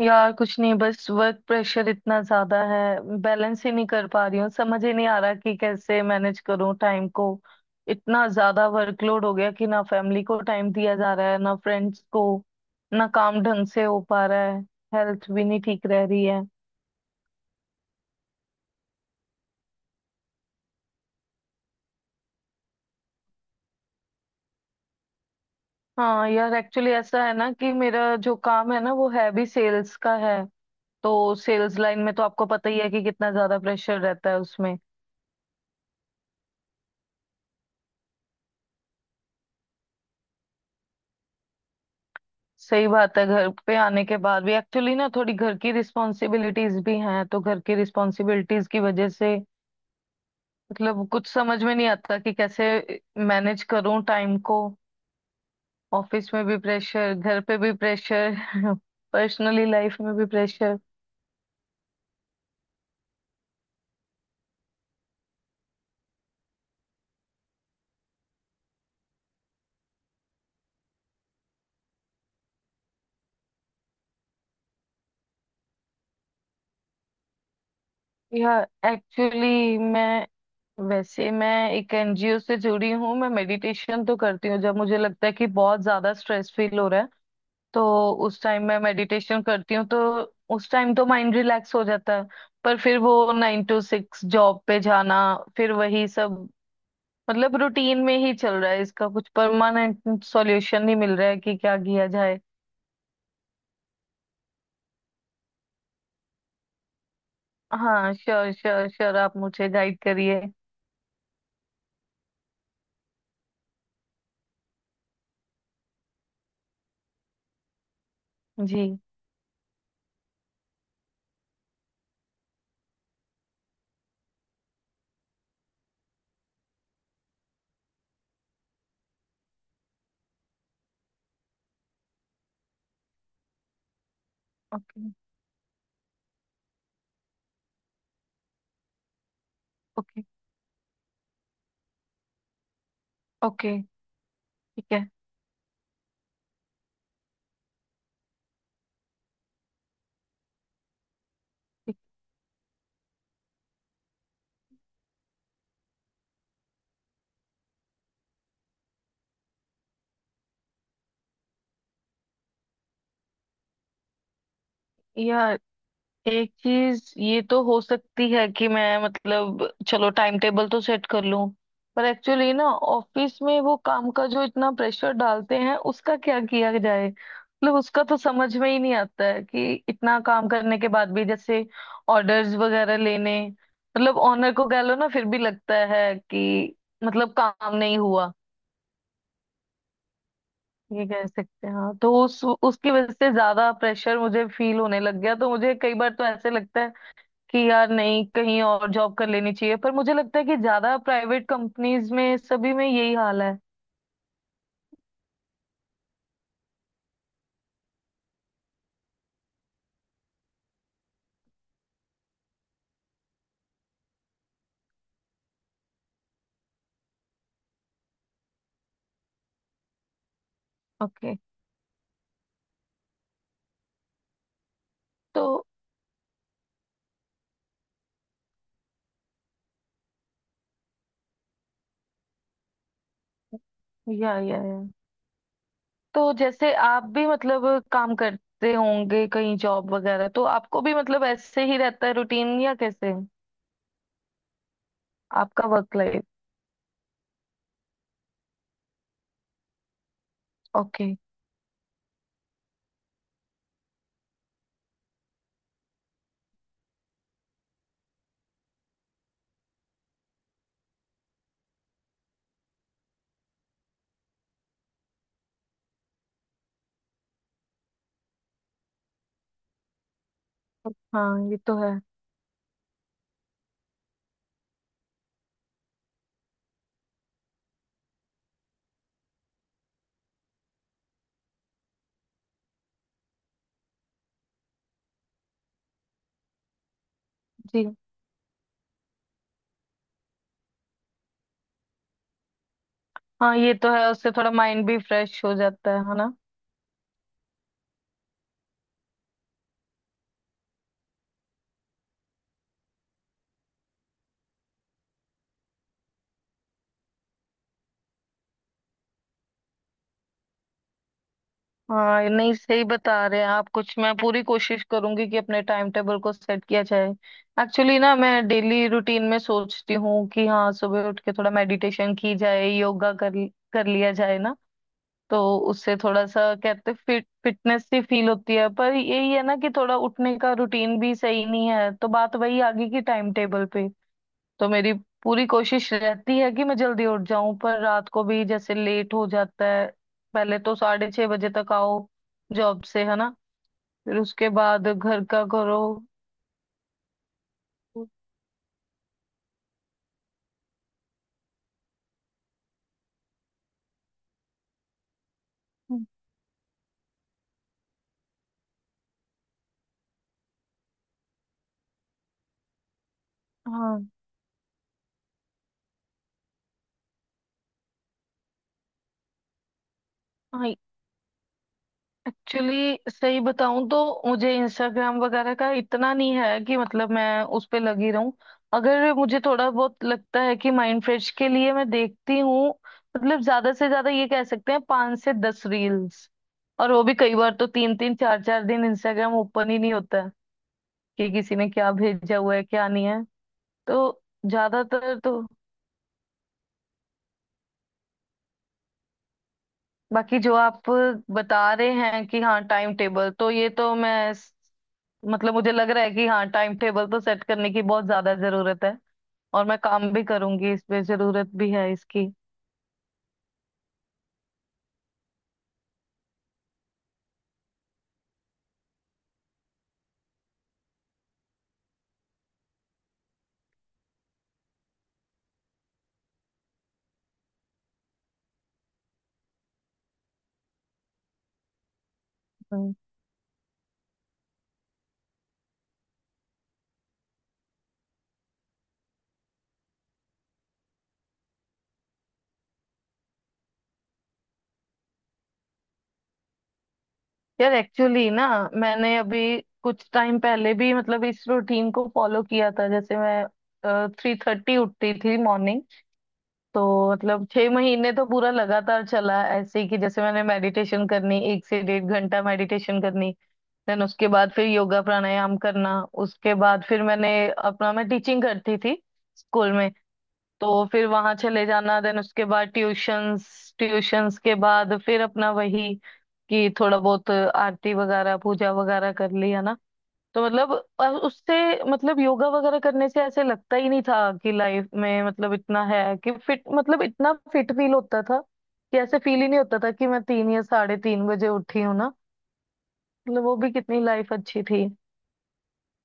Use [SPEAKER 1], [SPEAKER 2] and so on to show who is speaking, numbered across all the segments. [SPEAKER 1] यार कुछ नहीं, बस वर्क प्रेशर इतना ज्यादा है। बैलेंस ही नहीं कर पा रही हूँ, समझ ही नहीं आ रहा कि कैसे मैनेज करूँ टाइम को। इतना ज्यादा वर्कलोड हो गया कि ना फैमिली को टाइम दिया जा रहा है ना फ्रेंड्स को, ना काम ढंग से हो पा रहा है, हेल्थ भी नहीं ठीक रह रही है। हाँ यार, एक्चुअली ऐसा है ना कि मेरा जो काम है ना वो है भी सेल्स का है। तो सेल्स लाइन में तो आपको पता ही है कि कितना ज्यादा प्रेशर रहता है उसमें। सही बात है, घर पे आने के बाद भी एक्चुअली ना थोड़ी घर की रिस्पॉन्सिबिलिटीज भी हैं, तो घर की रिस्पॉन्सिबिलिटीज की वजह से मतलब कुछ समझ में नहीं आता कि कैसे मैनेज करूं टाइम को। ऑफिस में भी प्रेशर, घर पे भी प्रेशर, पर्सनली लाइफ में भी प्रेशर। या एक्चुअली मैं, वैसे मैं एक एनजीओ से जुड़ी हूँ, मैं मेडिटेशन तो करती हूँ जब मुझे लगता है कि बहुत ज्यादा स्ट्रेस फील हो रहा है। तो उस टाइम मैं मेडिटेशन करती हूँ, तो उस टाइम तो माइंड रिलैक्स हो जाता है। पर फिर वो 9 to 6 जॉब पे जाना, फिर वही सब, मतलब रूटीन में ही चल रहा है, इसका कुछ परमानेंट सॉल्यूशन नहीं मिल रहा है कि क्या किया जाए। हाँ श्योर श्योर श्योर, आप मुझे गाइड करिए। जी। Okay okay okay. ठीक है। ठीक। यार एक चीज ये तो हो सकती है कि मैं मतलब चलो टाइम टेबल तो सेट कर लूं, पर एक्चुअली ना ऑफिस में वो काम का जो इतना प्रेशर डालते हैं उसका क्या किया जाए, मतलब उसका तो समझ में ही नहीं आता है कि इतना काम करने के बाद भी जैसे ऑर्डर्स वगैरह लेने, मतलब ऑनर को कह लो ना, फिर भी लगता है कि मतलब काम नहीं हुआ, ये कह सकते हैं। हाँ, तो उस उसकी वजह से ज्यादा प्रेशर मुझे फील होने लग गया। तो मुझे कई बार तो ऐसे लगता है कि यार नहीं कहीं और जॉब कर लेनी चाहिए, पर मुझे लगता है कि ज्यादा प्राइवेट कंपनीज में सभी में यही हाल है। ओके। तो या या। तो जैसे आप भी मतलब काम करते होंगे कहीं जॉब वगैरह, तो आपको भी मतलब ऐसे ही रहता है रूटीन या कैसे है आपका वर्क लाइफ। ओके। हाँ ये तो है। जी। हाँ ये तो है, उससे थोड़ा माइंड भी फ्रेश हो जाता है ना। हाँ, ये नहीं सही बता रहे हैं आप कुछ, मैं पूरी कोशिश करूंगी कि अपने टाइम टेबल को सेट किया जाए। एक्चुअली ना मैं डेली रूटीन में सोचती हूँ कि हाँ सुबह उठ के थोड़ा मेडिटेशन की जाए, योगा कर कर लिया जाए ना। तो उससे थोड़ा सा कहते फिट फिटनेस सी फील होती है, पर यही है ना कि थोड़ा उठने का रूटीन भी सही नहीं है, तो बात वही आ गई कि टाइम टेबल पे। तो मेरी पूरी कोशिश रहती है कि मैं जल्दी उठ जाऊं, पर रात को भी जैसे लेट हो जाता है, पहले तो 6:30 बजे तक आओ जॉब से है ना, फिर उसके बाद घर का करो। हाँ हाँ। एक्चुअली सही बताऊं तो मुझे इंस्टाग्राम वगैरह का इतना नहीं है कि मतलब मैं उस पे लगी रहूं। अगर मुझे थोड़ा बहुत लगता है कि माइंड फ्रेश के लिए मैं देखती हूँ, मतलब ज्यादा से ज्यादा ये कह सकते हैं 5 से 10 रील्स। और वो भी कई बार तो तीन तीन चार चार दिन इंस्टाग्राम ओपन ही नहीं होता है कि किसी ने क्या भेजा हुआ है क्या नहीं है। तो ज्यादातर तो बाकी जो आप बता रहे हैं कि हाँ टाइम टेबल तो ये तो मैं मतलब मुझे लग रहा है कि हाँ टाइम टेबल तो सेट करने की बहुत ज्यादा जरूरत है। और मैं काम भी करूंगी इस पे, जरूरत भी है इसकी। हम्म। यार एक्चुअली ना मैंने अभी कुछ टाइम पहले भी मतलब इस रूटीन को फॉलो किया था, जैसे मैं 3:30 उठती थी मॉर्निंग। तो मतलब 6 महीने तो पूरा लगातार चला ऐसे ही, कि जैसे मैंने मेडिटेशन करनी, एक से डेढ़ घंटा मेडिटेशन करनी, देन उसके बाद फिर योगा प्राणायाम करना, उसके बाद फिर मैंने अपना, मैं टीचिंग करती थी स्कूल में, तो फिर वहां चले जाना, देन उसके बाद ट्यूशंस, ट्यूशंस के बाद फिर अपना वही कि थोड़ा बहुत आरती वगैरह पूजा वगैरह कर लिया ना। तो मतलब उससे मतलब योगा वगैरह करने से ऐसे लगता ही नहीं था कि लाइफ में, मतलब इतना है कि फिट, मतलब इतना फिट फील होता था कि ऐसे फील ही नहीं होता था कि मैं 3 या 3:30 बजे उठी हूँ ना। मतलब वो भी कितनी लाइफ अच्छी थी।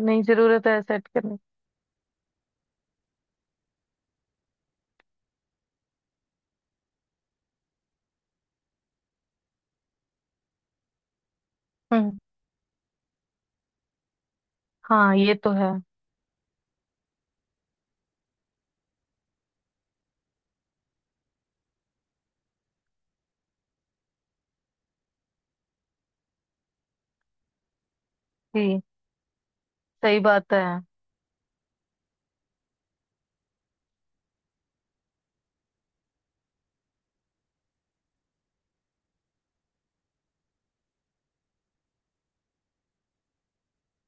[SPEAKER 1] नहीं, जरूरत है सेट करने। हम्म। हाँ ये तो है। जी। सही बात है।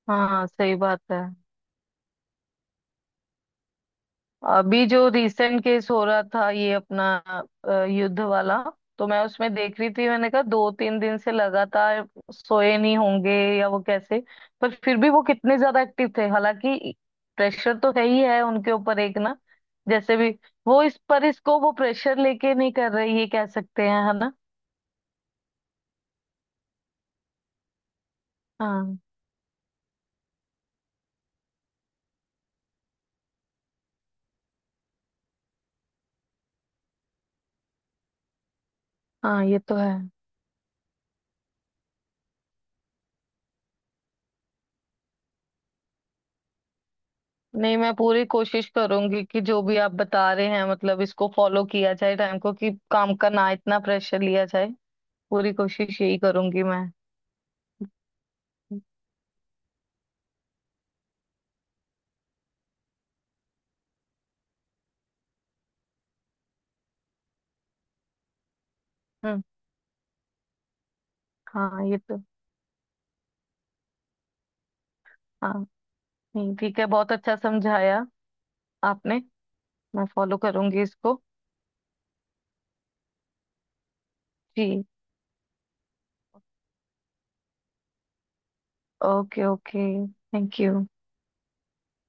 [SPEAKER 1] हाँ सही बात है। अभी जो रिसेंट केस हो रहा था ये अपना युद्ध वाला, तो मैं उसमें देख रही थी, मैंने कहा दो तीन दिन से लगातार सोए नहीं होंगे या वो कैसे, पर फिर भी वो कितने ज्यादा एक्टिव थे। हालांकि प्रेशर तो है ही है उनके ऊपर एक ना, जैसे भी, वो इस पर इसको वो प्रेशर लेके नहीं कर रही, ये कह सकते हैं है ना। हाँ हाँ ये तो है। नहीं, मैं पूरी कोशिश करूंगी कि जो भी आप बता रहे हैं मतलब इसको फॉलो किया जाए टाइम को, कि काम का ना इतना प्रेशर लिया जाए। पूरी कोशिश यही करूंगी मैं। हम्म। हाँ ये तो। हाँ। नहीं ठीक है, बहुत अच्छा समझाया आपने। मैं फॉलो करूंगी इसको। जी। Okay okay. Thank you.